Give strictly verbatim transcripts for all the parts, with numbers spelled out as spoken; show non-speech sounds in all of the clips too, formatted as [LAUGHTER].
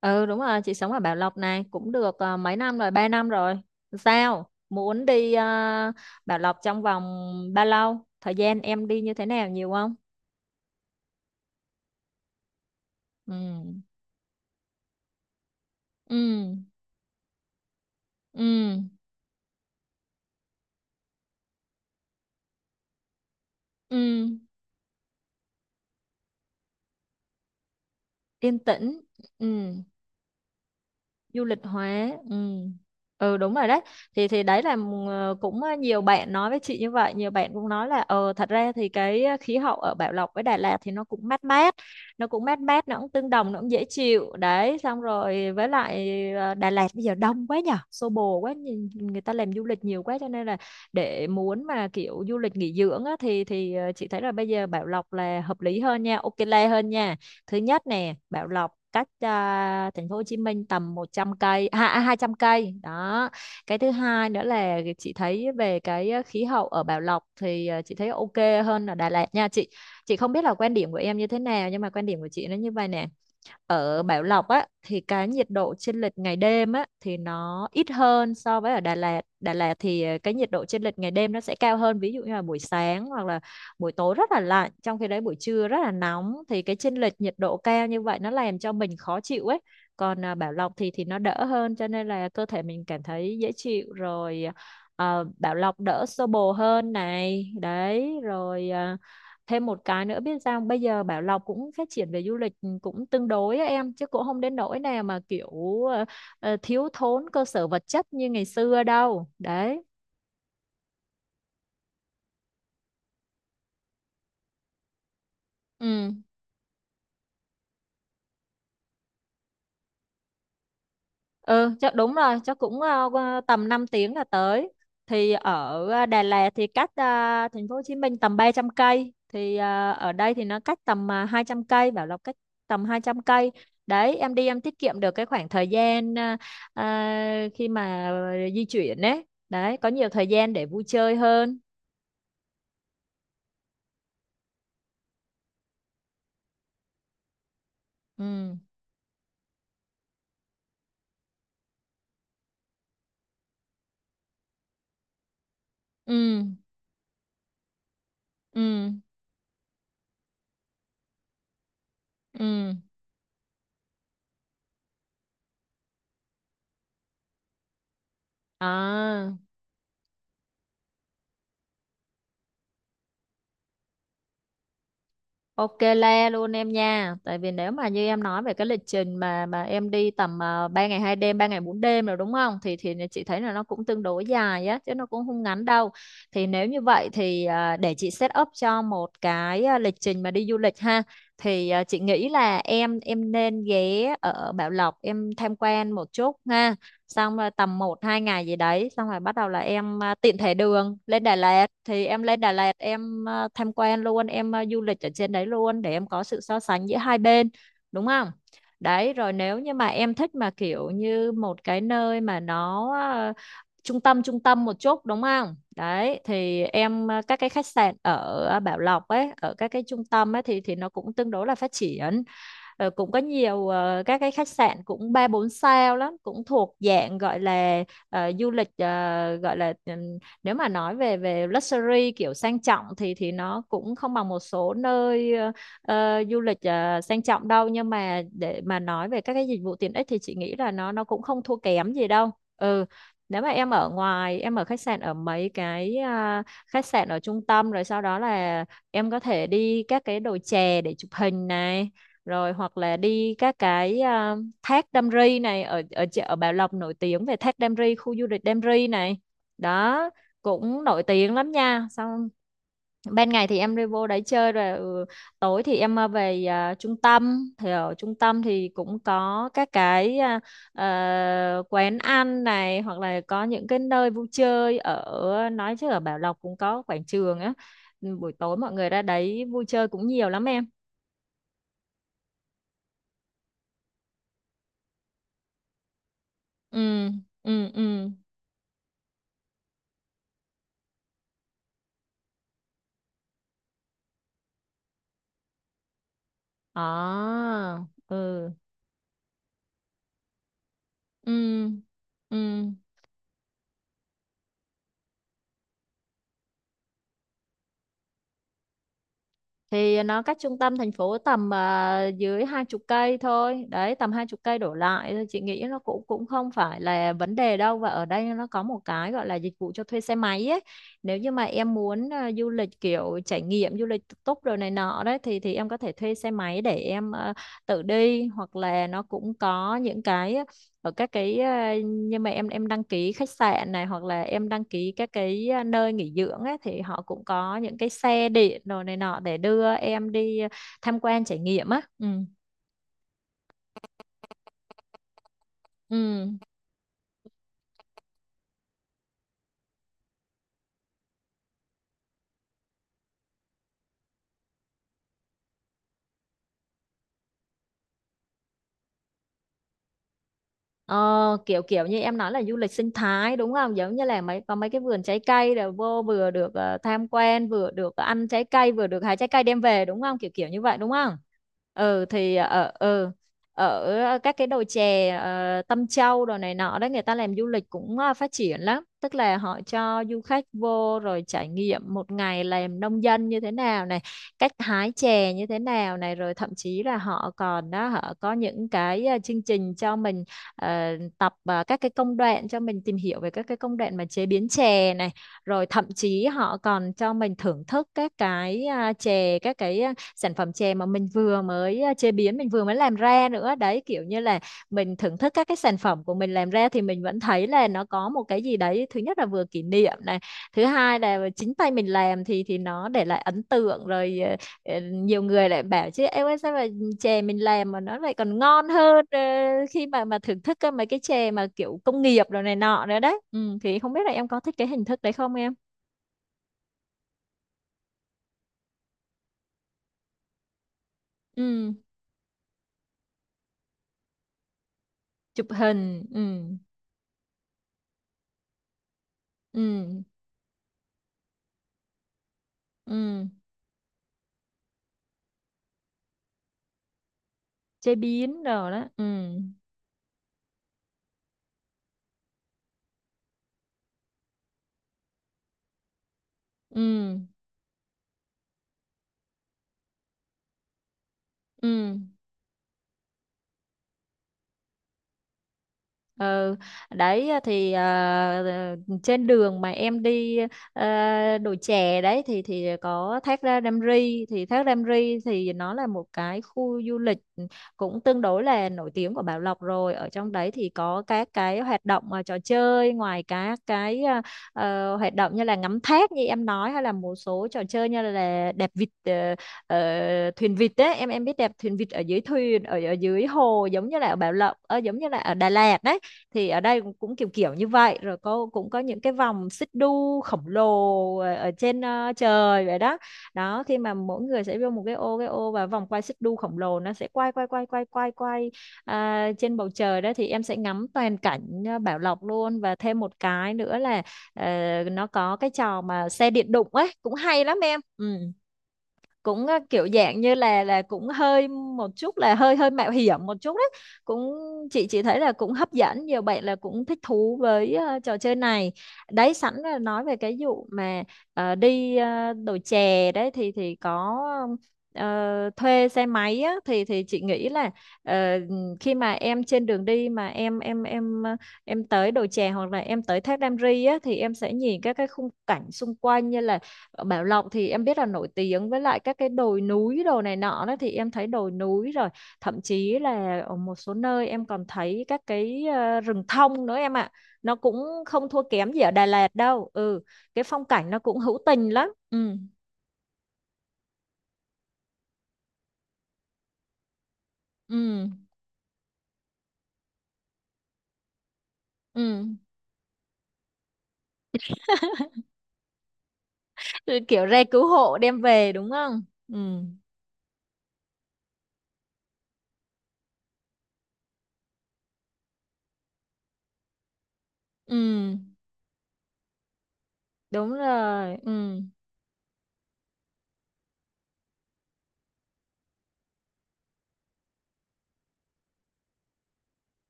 Ừ đúng rồi, chị sống ở Bảo Lộc này cũng được ờ, mấy năm rồi, ba năm rồi. Sao? Muốn đi ờ, Bảo Lộc trong vòng bao lâu? Thời gian em đi như thế nào nhiều không? Ừ. Ừ. Ừ. Ừ. Yên tĩnh. Ừ. Du lịch hóa, ừ. Ừ, đúng rồi đấy. Thì thì đấy là m- ờ, cũng ờ, nhiều bạn nói với chị như vậy. Nhiều bạn cũng nói là ờ thật ra thì cái ờ, khí hậu ở Bảo Lộc với Đà Lạt thì nó cũng mát mát, nó cũng mát mát, nó cũng tương đồng, nó cũng dễ chịu đấy. Xong rồi với lại ờ, Đà Lạt bây giờ đông quá nhở, xô bồ quá, nhìn người ta làm du lịch nhiều quá cho nên là để muốn mà kiểu du lịch nghỉ dưỡng á, thì thì ờ, chị thấy là bây giờ Bảo Lộc là hợp lý hơn nha, ok le hơn nha. Thứ nhất nè, Bảo Lộc cách à, thành phố Hồ Chí Minh tầm một trăm cây, à, hai trăm cây đó. Cái thứ hai nữa là chị thấy về cái ờ, khí hậu ở Bảo Lộc thì à, chị thấy ok hơn ở Đà Lạt nha chị. Chị không biết là quan điểm của em như thế nào nhưng mà quan điểm của chị nó như vậy nè. Ở Bảo Lộc á thì cái nhiệt độ chênh lệch ngày đêm á thì nó ít hơn so với ở Đà Lạt. Đà Lạt thì ờ, cái nhiệt độ chênh lệch ngày đêm nó sẽ cao hơn, ví dụ như là buổi sáng hoặc là buổi tối rất là lạnh trong khi đấy buổi trưa rất là nóng, thì cái chênh lệch nhiệt độ cao như vậy nó làm cho mình khó chịu ấy. Còn à, Bảo Lộc thì thì nó đỡ hơn cho nên là cơ thể mình cảm thấy dễ chịu rồi. à, Bảo Lộc đỡ xô bồ hơn này đấy rồi. À, thêm một cái nữa, biết sao bây giờ Bảo Lộc cũng phát triển về du lịch, ừ, cũng tương đối á em, chứ cũng không đến nỗi nào mà kiểu ờ, ờ, thiếu thốn cơ sở vật chất như ngày xưa đâu đấy. Ừ. Ừ, chắc đúng rồi, chắc cũng ờ, qua tầm năm tiếng là tới. Thì ở ờ, Đà Lạt thì cách ờ, thành phố Hồ Chí Minh tầm ba trăm cây, thì ờ, ở đây thì nó cách tầm uh, hai trăm cây, Bảo Lộc cách tầm hai trăm cây. Đấy, em đi em tiết kiệm được cái khoảng thời gian ờ, ờ, khi mà di chuyển đấy. Đấy, có nhiều thời gian để vui chơi hơn. Ừ, ừ, ừ, ừ. À. Ok le luôn em nha. Tại vì nếu mà như em nói về cái lịch trình mà mà em đi tầm uh, ba ngày hai đêm, ba ngày bốn đêm rồi đúng không? Thì thì chị thấy là nó cũng tương đối dài á chứ nó cũng không ngắn đâu. Thì nếu như vậy thì à, để chị set up cho một cái à, lịch trình mà đi du lịch ha. Thì à, chị nghĩ là em em nên ghé ở Bảo Lộc em tham quan một chút ha, xong rồi tầm một hai ngày gì đấy xong rồi bắt đầu là em à, tiện thể đường lên Đà Lạt thì em lên Đà Lạt em à, tham quan luôn em à, du lịch ở trên đấy luôn để em có sự so sánh giữa hai bên, đúng không? Đấy rồi, nếu như mà em thích mà kiểu như một cái nơi mà nó à, trung tâm trung tâm một chút đúng không, đấy thì em à, các cái khách sạn ở à, Bảo Lộc ấy, ở các cái trung tâm ấy thì thì nó cũng tương đối là phát triển. Rồi cũng có nhiều ờ, các cái khách sạn cũng ba bốn sao lắm, cũng thuộc dạng gọi là ờ, du lịch ờ, gọi là ừm, nếu mà nói về về luxury kiểu sang trọng thì thì nó cũng không bằng một số nơi ờ, ờ, du lịch ờ, sang trọng đâu, nhưng mà để mà nói về các cái dịch vụ tiện ích thì chị nghĩ là nó nó cũng không thua kém gì đâu. Ừ. Nếu mà em ở ngoài, em ở khách sạn ở mấy cái à, khách sạn ở trung tâm, rồi sau đó là em có thể đi các cái đồi chè để chụp hình này, rồi hoặc là đi các cái à, thác Đam Ri này, ở ở chợ- ở Bảo Lộc nổi tiếng về thác Đam Ri, khu du lịch Đam Ri này, đó, cũng nổi tiếng lắm nha. Xong ban ngày thì em đi vô đấy chơi rồi, ừ, tối thì em à, về à, trung tâm, thì ở trung tâm thì cũng có các cái à, ờ, quán ăn này hoặc là có những cái nơi vui chơi ở, nói chứ ở Bảo Lộc cũng có quảng trường á. Ừ, buổi tối mọi người ra đấy vui chơi cũng nhiều lắm em. Ừ. Ừ. Ừ. À, ừ, ừ, ừ. Thì nó cách trung tâm thành phố tầm à, dưới hai chục cây thôi. Đấy, tầm hai chục cây đổ lại. Thôi, chị nghĩ nó cũng cũng không phải là vấn đề đâu. Và ở đây nó có một cái gọi là dịch vụ cho thuê xe máy ấy. Nếu như mà em muốn à, du lịch kiểu trải nghiệm, du lịch tự túc rồi này nọ đấy, thì thì em có thể thuê xe máy để em à, tự đi. Hoặc là nó cũng có những cái ở các cái à, nhưng mà em em đăng ký khách sạn này hoặc là em đăng ký các cái à, nơi nghỉ dưỡng ấy, thì họ cũng có những cái xe điện đồ này nọ để đưa em đi tham quan trải nghiệm á. Ừ. Ừ. Ờ, Kiểu kiểu như em nói là du lịch sinh thái đúng không? Giống như là mấy có mấy cái vườn trái cây rồi vô vừa được ờ, tham quan, vừa được ăn trái cây, vừa được hái trái cây đem về đúng không? Kiểu kiểu như vậy đúng không? Ừ thì ở ừ, ở các cái đồi chè ờ, Tâm Châu đồ này nọ đấy, người ta làm du lịch cũng ờ, phát triển lắm, tức là họ cho du khách vô rồi trải nghiệm một ngày làm nông dân như thế nào này, cách hái chè như thế nào này, rồi thậm chí là họ còn đó họ có những cái ờ, chương trình cho mình ờ, tập ờ, các cái công đoạn, cho mình tìm hiểu về các cái công đoạn mà chế biến chè này, rồi thậm chí họ còn cho mình thưởng thức các cái à, chè, các cái à, sản phẩm chè mà mình vừa mới à, chế biến, mình vừa mới làm ra nữa đấy, kiểu như là mình thưởng thức các cái sản phẩm của mình làm ra thì mình vẫn thấy là nó có một cái gì đấy. Thứ nhất là vừa kỷ niệm này, thứ hai là chính tay mình làm thì thì nó để lại ấn tượng rồi. ờ, ờ, Nhiều người lại bảo chứ em ơi sao mà chè mình làm mà nó lại còn ngon hơn ờ, khi mà mà thưởng thức cơ, mấy cái chè mà kiểu công nghiệp rồi này nọ nữa đấy, ừ, thì không biết là em có thích cái hình thức đấy không em? Ừ, chụp hình, ừ, ừ, ừ, chế biến rồi đó, ừ, ừ, ừ. Ừ, đấy ờ, thì à, trên đường mà em đi à, đồi chè đấy thì thì có thác Ra Đam Ri thì thác Đam Ri thì nó là một cái khu du lịch cũng tương đối là nổi tiếng của Bảo Lộc rồi. Ở trong đấy thì có các cái hoạt động, à, trò chơi ngoài các cái à, ờ, hoạt động như là ngắm thác như em nói, hay là một số trò chơi như là đạp vịt, ờ, ờ, thuyền vịt đấy. Em em biết đạp thuyền vịt ở dưới thuyền ở ở dưới hồ, giống như là ở Bảo Lộc, ờ, giống như là ở Đà Lạt đấy, thì ở đây cũng, cũng kiểu kiểu như vậy. Rồi có cũng có những cái vòng xích đu khổng lồ ở, ở trên ờ, trời vậy đó. Đó, khi mà mỗi người sẽ vô một cái ô cái ô và vòng quay xích đu khổng lồ, nó sẽ quay quay quay quay quay quay à, trên bầu trời đó, thì em sẽ ngắm toàn cảnh ờ, Bảo Lộc luôn. Và thêm một cái nữa là, ờ, nó có cái trò mà xe điện đụng ấy cũng hay lắm em. Ừ, cũng ờ, kiểu dạng như là là cũng hơi một chút, là hơi hơi mạo hiểm một chút đấy. Cũng, chị chị thấy là cũng hấp dẫn, nhiều bạn là cũng thích thú với ờ, trò chơi này. Đấy, sẵn là nói về cái vụ mà ờ, đi ờ, đồi chè đấy thì thì có ờ, thuê xe máy á, thì thì chị nghĩ là, ờ, khi mà em trên đường đi, mà em em em ờ, em tới đồi chè hoặc là em tới thác Đam Ri á, thì em sẽ nhìn các cái khung cảnh xung quanh. Như là Bảo Lộc thì em biết là nổi tiếng với lại các cái đồi núi đồ này nọ đó, thì em thấy đồi núi rồi thậm chí là ở một số nơi em còn thấy các cái ờ, rừng thông nữa em ạ. Nó cũng không thua kém gì ở Đà Lạt đâu. Ừ, cái phong cảnh nó cũng hữu tình lắm. Ừ, ừ, ừ. Rồi kiểu re cứu hộ đem về đúng không? Ừ, ừ, đúng rồi. Ừ,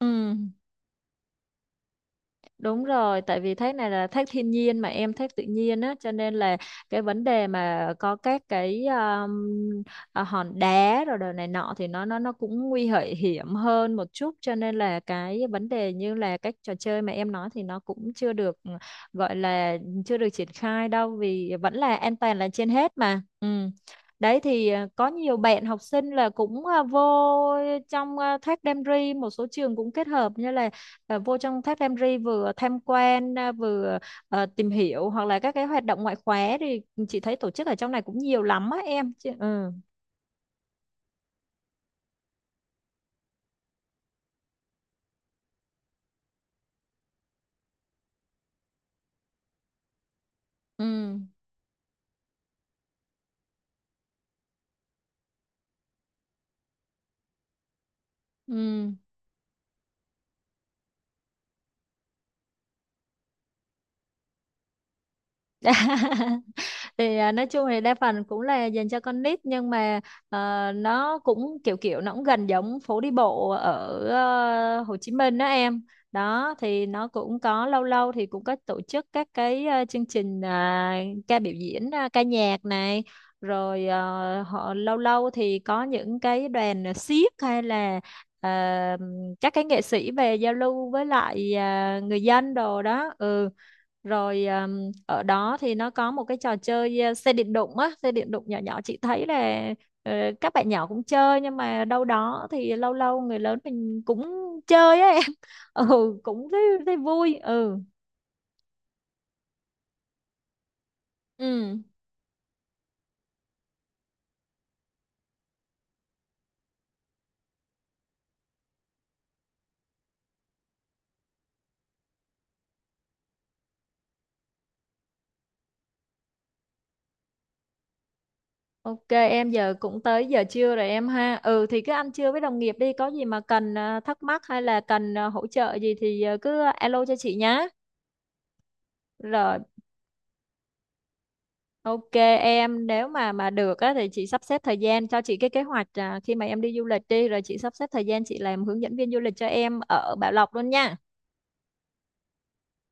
ừ, đúng rồi, tại vì thác này là thác thiên nhiên mà em, thác tự nhiên á, cho nên là cái vấn đề mà có các cái um, à, hòn đá rồi đồ này nọ thì nó nó nó cũng nguy hại hiểm hơn một chút, cho nên là cái vấn đề như là các trò chơi mà em nói thì nó cũng chưa được gọi là, chưa được triển khai đâu, vì vẫn là an toàn là trên hết mà. Ừ. Đấy, thì à, có nhiều bạn học sinh là cũng à, vô trong, à, thác Đam Ri một số trường cũng kết hợp như là, ờ, vô trong thác Đam Ri vừa tham quan, à, vừa ờ, tìm hiểu hoặc là các cái hoạt động ngoại khóa, thì chị thấy tổ chức ở trong này cũng nhiều lắm á em. Chị, ừ, ừ, ừ. [LAUGHS] Thì à, nói chung thì đa phần cũng là dành cho con nít, nhưng mà ờ, nó cũng kiểu kiểu, nó cũng gần giống phố đi bộ ở ờ, Hồ Chí Minh đó em. Đó thì nó cũng có, lâu lâu thì cũng có tổ chức các cái ờ, chương trình, à, ca biểu diễn, à, ca nhạc này, rồi ờ, họ lâu lâu thì có những cái đoàn xiếc, hay là ờ, các cái nghệ sĩ về giao lưu với lại à, người dân đồ đó. Ừ, rồi ờ, ở đó thì nó có một cái trò chơi, ờ, xe điện đụng á, xe điện đụng nhỏ nhỏ, chị thấy là ờ, các bạn nhỏ cũng chơi, nhưng mà đâu đó thì lâu lâu người lớn mình cũng chơi á em. [LAUGHS] Ừ, cũng thấy, thấy vui. Ừ, ừ, ok em, giờ cũng tới giờ trưa rồi em ha. Ừ, thì cứ ăn trưa với đồng nghiệp đi, có gì mà cần ờ, thắc mắc hay là cần ờ, hỗ trợ gì thì ờ, cứ alo cho chị nhá. Rồi, ok em, nếu mà mà được á, thì chị sắp xếp thời gian cho chị cái kế hoạch, à, khi mà em đi du lịch đi, rồi chị sắp xếp thời gian chị làm hướng dẫn viên du lịch cho em ở Bảo Lộc luôn nha.